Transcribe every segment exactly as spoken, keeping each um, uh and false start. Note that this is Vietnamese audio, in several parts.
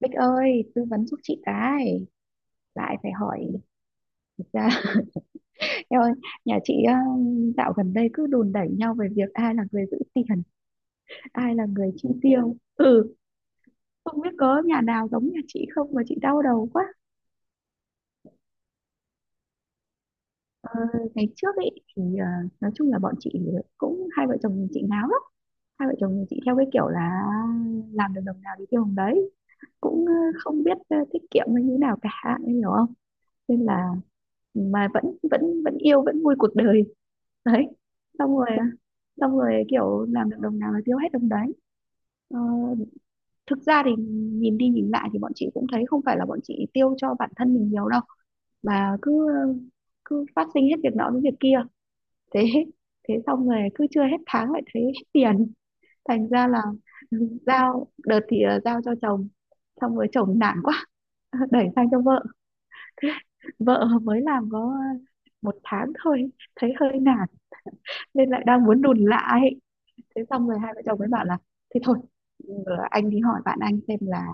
Bích ơi, tư vấn giúp chị cái. Lại phải hỏi thực ra. Em ơi, nhà chị ờ, dạo gần đây cứ đùn đẩy nhau về việc ai là người giữ tiền, ai là người chi tiêu. Ừ, không biết có nhà nào giống nhà chị không mà chị đau đầu quá. Ờ, Ngày trước ấy thì ờ, nói chung là bọn chị cũng hai vợ chồng chị ngáo lắm, hai vợ chồng chị theo cái kiểu là làm được đồng nào thì tiêu đồng đấy, cũng ờ, không biết ờ, tiết kiệm hay như nào cả, em hiểu không? Nên là mà vẫn vẫn vẫn yêu vẫn vui cuộc đời đấy. Xong rồi xong rồi kiểu làm được đồng nào là tiêu hết đồng đấy. Ờ, Thực ra thì nhìn đi nhìn lại thì bọn chị cũng thấy không phải là bọn chị tiêu cho bản thân mình nhiều đâu mà cứ cứ phát sinh hết việc nọ đến việc kia. Thế thế xong rồi cứ chưa hết tháng lại thấy hết tiền. Thành ra là giao đợt thì ờ, giao cho chồng, xong rồi chồng nản quá đẩy sang cho vợ. Vợ mới làm có một tháng thôi, thấy hơi nản nên lại đang muốn đùn lại. Thế xong rồi hai vợ chồng mới bảo là thế thôi, ờ, anh đi hỏi bạn anh xem là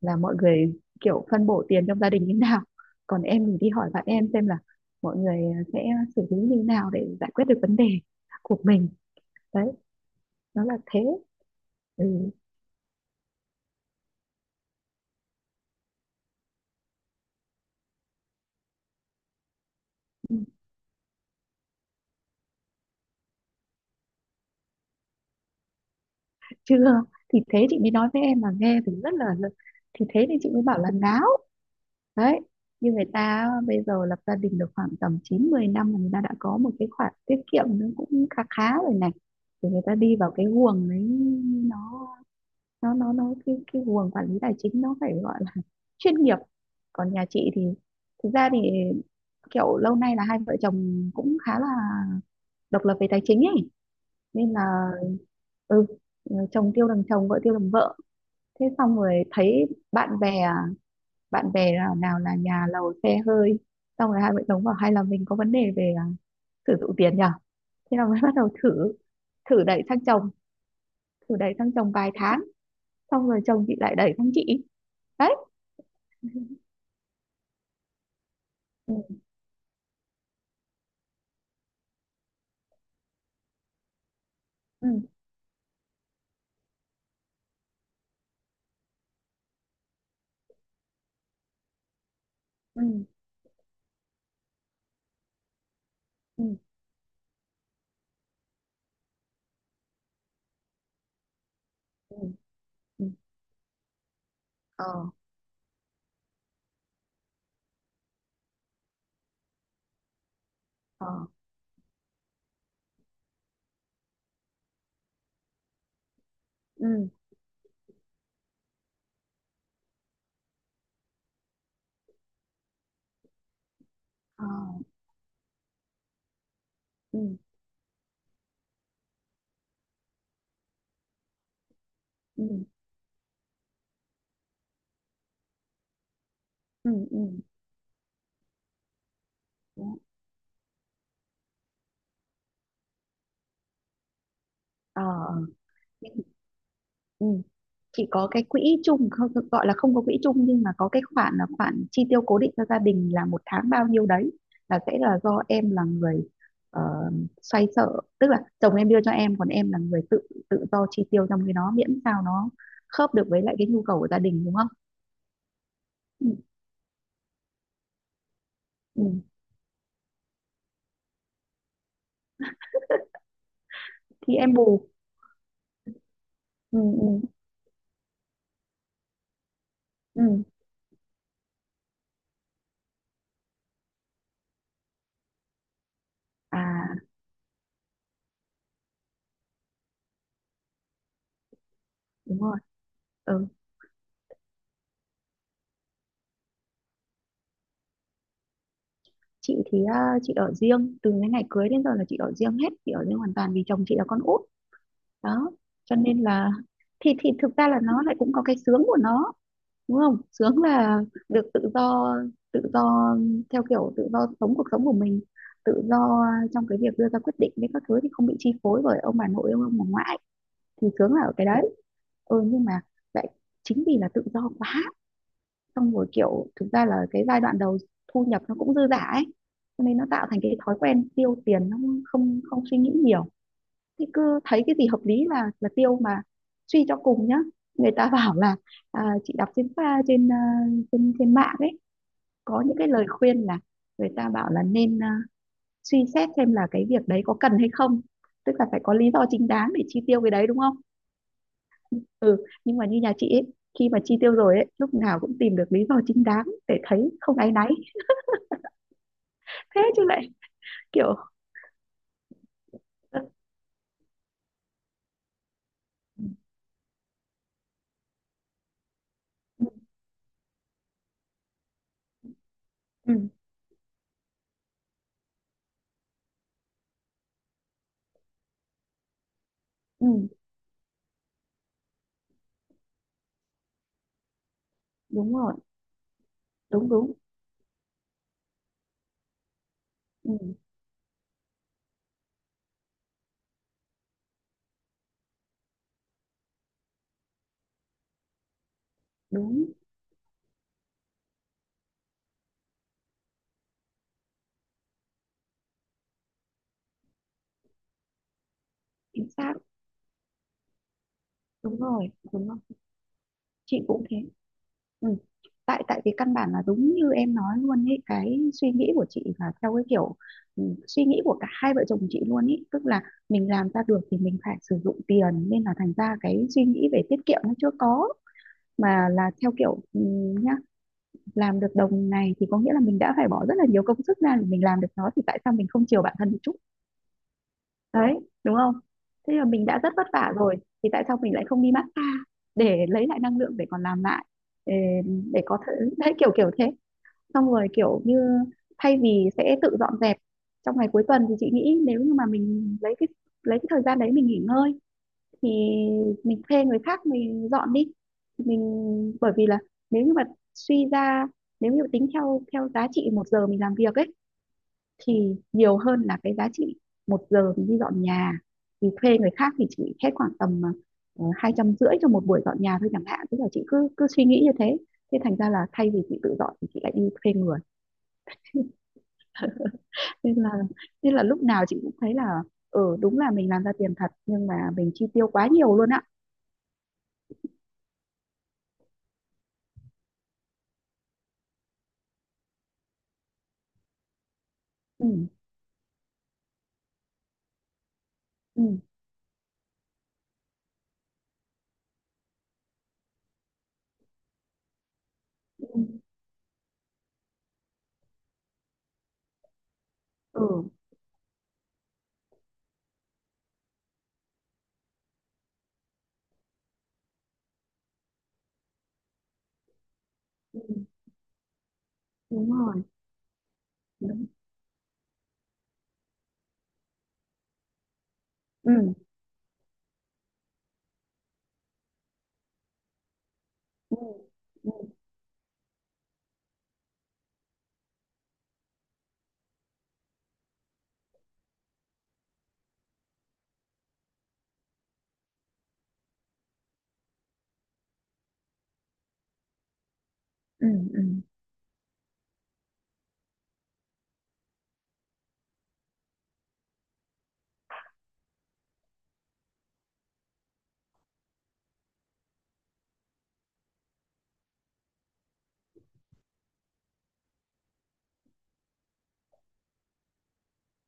là mọi người kiểu phân bổ tiền trong gia đình như nào, còn em thì đi hỏi bạn em xem là mọi người sẽ xử lý như nào để giải quyết được vấn đề của mình. Đấy, nó là thế. Ừ. Chưa, thì thế chị mới nói với em mà nghe thì rất là, thì thế thì chị mới bảo là láo đấy. Như người ta bây giờ lập gia đình được khoảng tầm chín mười năm là người ta đã có một cái khoản tiết kiệm nó cũng khá khá rồi này. Thì người ta đi vào cái guồng đấy. Nó nó nó nó cái cái guồng quản lý tài chính nó phải gọi là chuyên nghiệp. Còn nhà chị thì thực ra thì kiểu lâu nay là hai vợ chồng cũng khá là độc lập về tài chính ấy. Nên là ừ, ờ, chồng tiêu đằng chồng vợ tiêu đằng vợ. Thế xong rồi thấy bạn bè, bạn bè nào nào là nhà lầu xe hơi. Xong rồi hai vợ chồng bảo hay là mình có vấn đề về à, sử dụng tiền nhỉ. Thế là mới bắt đầu thử, thử đẩy sang chồng, thử đẩy sang chồng vài tháng. Xong rồi chồng chị lại đẩy sang chị. Đấy. Ừ, ừ, ừ, ừ, ừ, ừ. Ờ, ờ, ừ, ờ, ừ, ừ, ừ, ừ. Đó. Ờ, ừ. Ừ. Chị có cái quỹ chung, không gọi là không có quỹ chung nhưng mà có cái khoản là khoản chi tiêu cố định cho gia đình là một tháng bao nhiêu đấy là sẽ là do em là người ờ, xoay sở. Tức là chồng em đưa cho em còn em là người tự tự do chi tiêu trong cái đó miễn sao nó khớp được với lại cái nhu cầu của gia đình, đúng không? Ừ, ừ. Thì em bù. Ừ, ừ, ừ. À, đúng rồi. Ừ. Chị thì à, chị ở riêng từ cái ngày cưới đến giờ là chị ở riêng hết. Chị ở riêng hoàn toàn vì chồng chị là con út. Đó, cho nên là thì thì thực ra là nó lại cũng có cái sướng của nó. Đúng không? Sướng là được tự do, tự do theo kiểu tự do sống cuộc sống của mình, tự do trong cái việc đưa ra quyết định với các thứ thì không bị chi phối bởi ông bà nội ông bà ngoại. Thì sướng là ở cái đấy. Ừ nhưng mà lại chính vì là tự do quá, xong rồi kiểu thực ra là cái giai đoạn đầu thu nhập nó cũng dư dả ấy, cho nên nó tạo thành cái thói quen tiêu tiền nó không không suy nghĩ nhiều. Thì cứ thấy cái gì hợp lý là là tiêu. Mà suy cho cùng nhá, người ta bảo là à, chị đọc trên pha, trên à, trên trên mạng ấy có những cái lời khuyên là người ta bảo là nên à, suy xét xem là cái việc đấy có cần hay không, tức là phải có lý do chính đáng để chi tiêu cái đấy, đúng không? Ừ nhưng mà như nhà chị ấy, khi mà chi tiêu rồi ấy lúc nào cũng tìm được lý do chính đáng để thấy không áy náy. Thế chứ lại kiểu. Ừ, ừ, ừ, đúng rồi, đúng, đúng, ừ, đúng, chính xác, đúng rồi, đúng rồi. Chị cũng thế. Ừ. tại tại vì căn bản là đúng như em nói luôn ấy, cái suy nghĩ của chị là theo cái kiểu, ừ, suy nghĩ của cả hai vợ chồng chị luôn ấy, tức là mình làm ra được thì mình phải sử dụng tiền, nên là thành ra cái suy nghĩ về tiết kiệm nó chưa có. Mà là theo kiểu ừ, nhá, làm được đồng này thì có nghĩa là mình đã phải bỏ rất là nhiều công sức ra để mình làm được nó thì tại sao mình không chiều bản thân một chút? Đấy, đúng không? Thế là mình đã rất vất vả rồi thì tại sao mình lại không đi massage để lấy lại năng lượng để còn làm lại, để, để có thể, đấy kiểu kiểu thế. Xong rồi kiểu như thay vì sẽ tự dọn dẹp trong ngày cuối tuần thì chị nghĩ nếu như mà mình lấy cái lấy cái thời gian đấy mình nghỉ ngơi thì mình thuê người khác mình dọn đi. Mình bởi vì là, nếu như mà suy ra, nếu như tính theo theo giá trị một giờ mình làm việc ấy thì nhiều hơn là cái giá trị một giờ mình đi dọn nhà. Thì thuê người khác thì chỉ hết khoảng tầm ờ, hai trăm rưỡi cho một buổi dọn nhà thôi chẳng hạn. Tức là chị cứ cứ suy nghĩ như thế. Thế thành ra là thay vì chị tự dọn thì chị lại đi thuê người. nên là nên là lúc nào chị cũng thấy là ừ, đúng là mình làm ra tiền thật nhưng mà mình chi tiêu quá nhiều luôn á. Ừ, ừ, ừ, ừ, ừ, đúng rồi, đúng, ừ, ừ, ừ, ừ, ừ.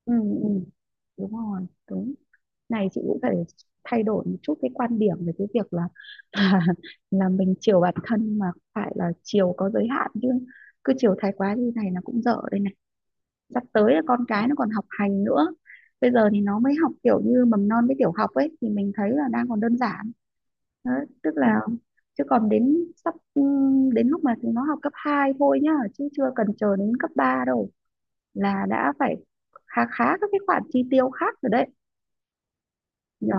Ừ, ừ. Đúng rồi, đúng. Này, chị cũng phải thay đổi một chút cái quan điểm về cái việc là là, là mình chiều bản thân nhưng mà phải là chiều có giới hạn chứ. Cứ chiều thái quá như này là cũng dở đây này. Sắp tới là con cái nó còn học hành nữa. Bây giờ thì nó mới học kiểu như mầm non với tiểu học ấy thì mình thấy là đang còn đơn giản. Đấy, tức là, chứ còn đến sắp, ừ, đến lúc mà chúng nó học cấp hai thôi nhá chứ chưa cần chờ đến cấp ba đâu là đã phải khá khá các cái khoản chi tiêu khác rồi đấy, nhỉ?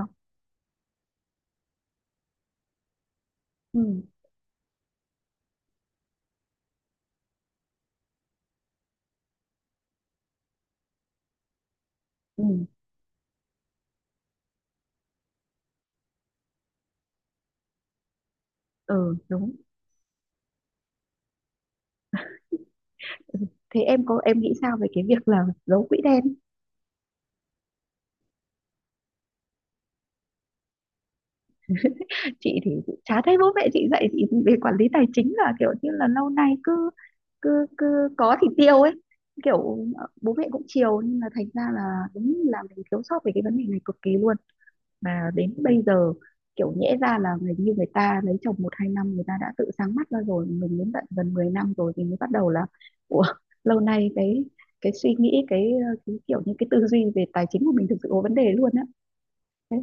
Ừ, ừ, ừ, đúng. Thế em có, em nghĩ sao về cái việc là giấu quỹ đen? Chị thì chả thấy bố mẹ chị dạy chị về quản lý tài chính, là kiểu như là lâu nay cứ cứ cứ có thì tiêu ấy, kiểu bố mẹ cũng chiều nhưng mà thành ra là đúng là mình thiếu sót về cái vấn đề này cực kỳ luôn. Mà đến bây giờ kiểu nhẽ ra là người như người ta lấy chồng một hai năm người ta đã tự sáng mắt ra rồi, mình đến tận gần mười năm rồi thì mới bắt đầu là, ủa, lâu nay cái cái suy nghĩ cái, ờ, cái kiểu như cái tư duy về tài chính của mình thực sự có vấn đề luôn á. Thế.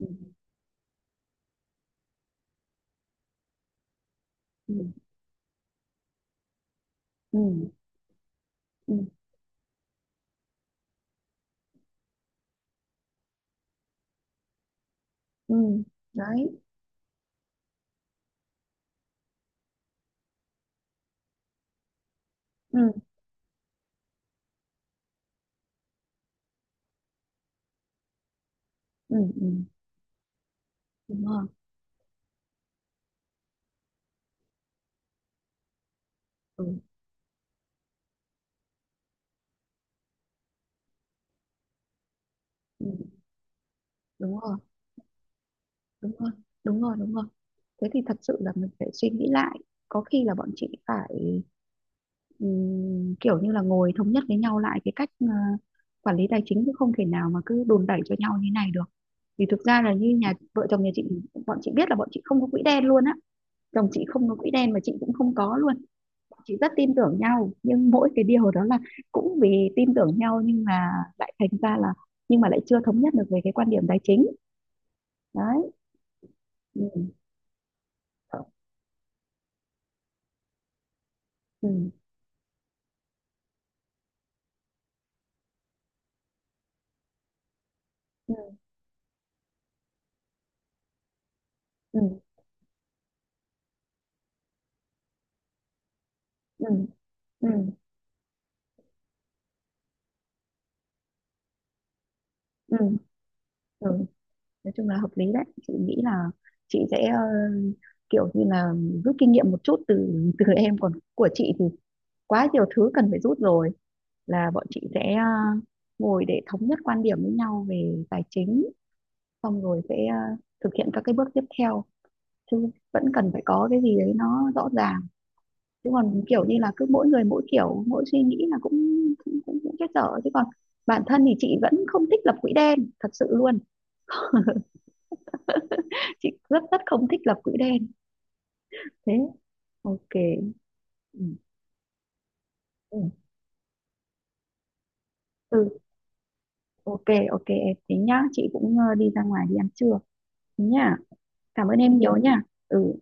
Ừ, ừ, ừ, ừ, ừ. Đấy. Ừ, ừ, ừ, đúng rồi, ừ, ừ, đúng rồi, đúng rồi, đúng rồi, đúng rồi. Thế thì thật sự là mình phải suy nghĩ lại. Có khi là bọn chị phải ừm, kiểu như là ngồi thống nhất với nhau lại cái cách ờ, quản lý tài chính, chứ không thể nào mà cứ đùn đẩy cho nhau như này được. Vì thực ra là như nhà vợ chồng nhà chị, bọn chị biết là bọn chị không có quỹ đen luôn á. Chồng chị không có quỹ đen mà chị cũng không có luôn. Bọn chị rất tin tưởng nhau, nhưng mỗi cái điều đó là cũng vì tin tưởng nhau nhưng mà lại thành ra là, nhưng mà lại chưa thống nhất được về cái quan điểm tài chính. Đấy. Ừ. Ừ. Ừ. Ừ. Ừ. Ừ. Ừ. Ừ. Nói chung là hợp lý đấy. Chị nghĩ là chị sẽ ờ, kiểu như là rút kinh nghiệm một chút từ từ em. Còn của chị thì quá nhiều thứ cần phải rút rồi. Là bọn chị sẽ ờ, ngồi để thống nhất quan điểm với nhau về tài chính, xong rồi sẽ ờ, thực hiện các cái bước tiếp theo chứ. Vẫn cần phải có cái gì đấy nó rõ ràng, chứ còn kiểu như là cứ mỗi người mỗi kiểu mỗi suy nghĩ là cũng cũng cũng, cũng chết dở. Chứ còn bản thân thì chị vẫn không thích lập quỹ đen thật sự luôn. Chị rất rất không thích lập quỹ đen. Thế, ok. Ừ. Ừ. Ừ, ok. Ok, em tính nhá, chị cũng ờ, đi ra ngoài đi ăn trưa. Thế nhá, cảm ơn em. Ừ, nhiều nhá. Ừ.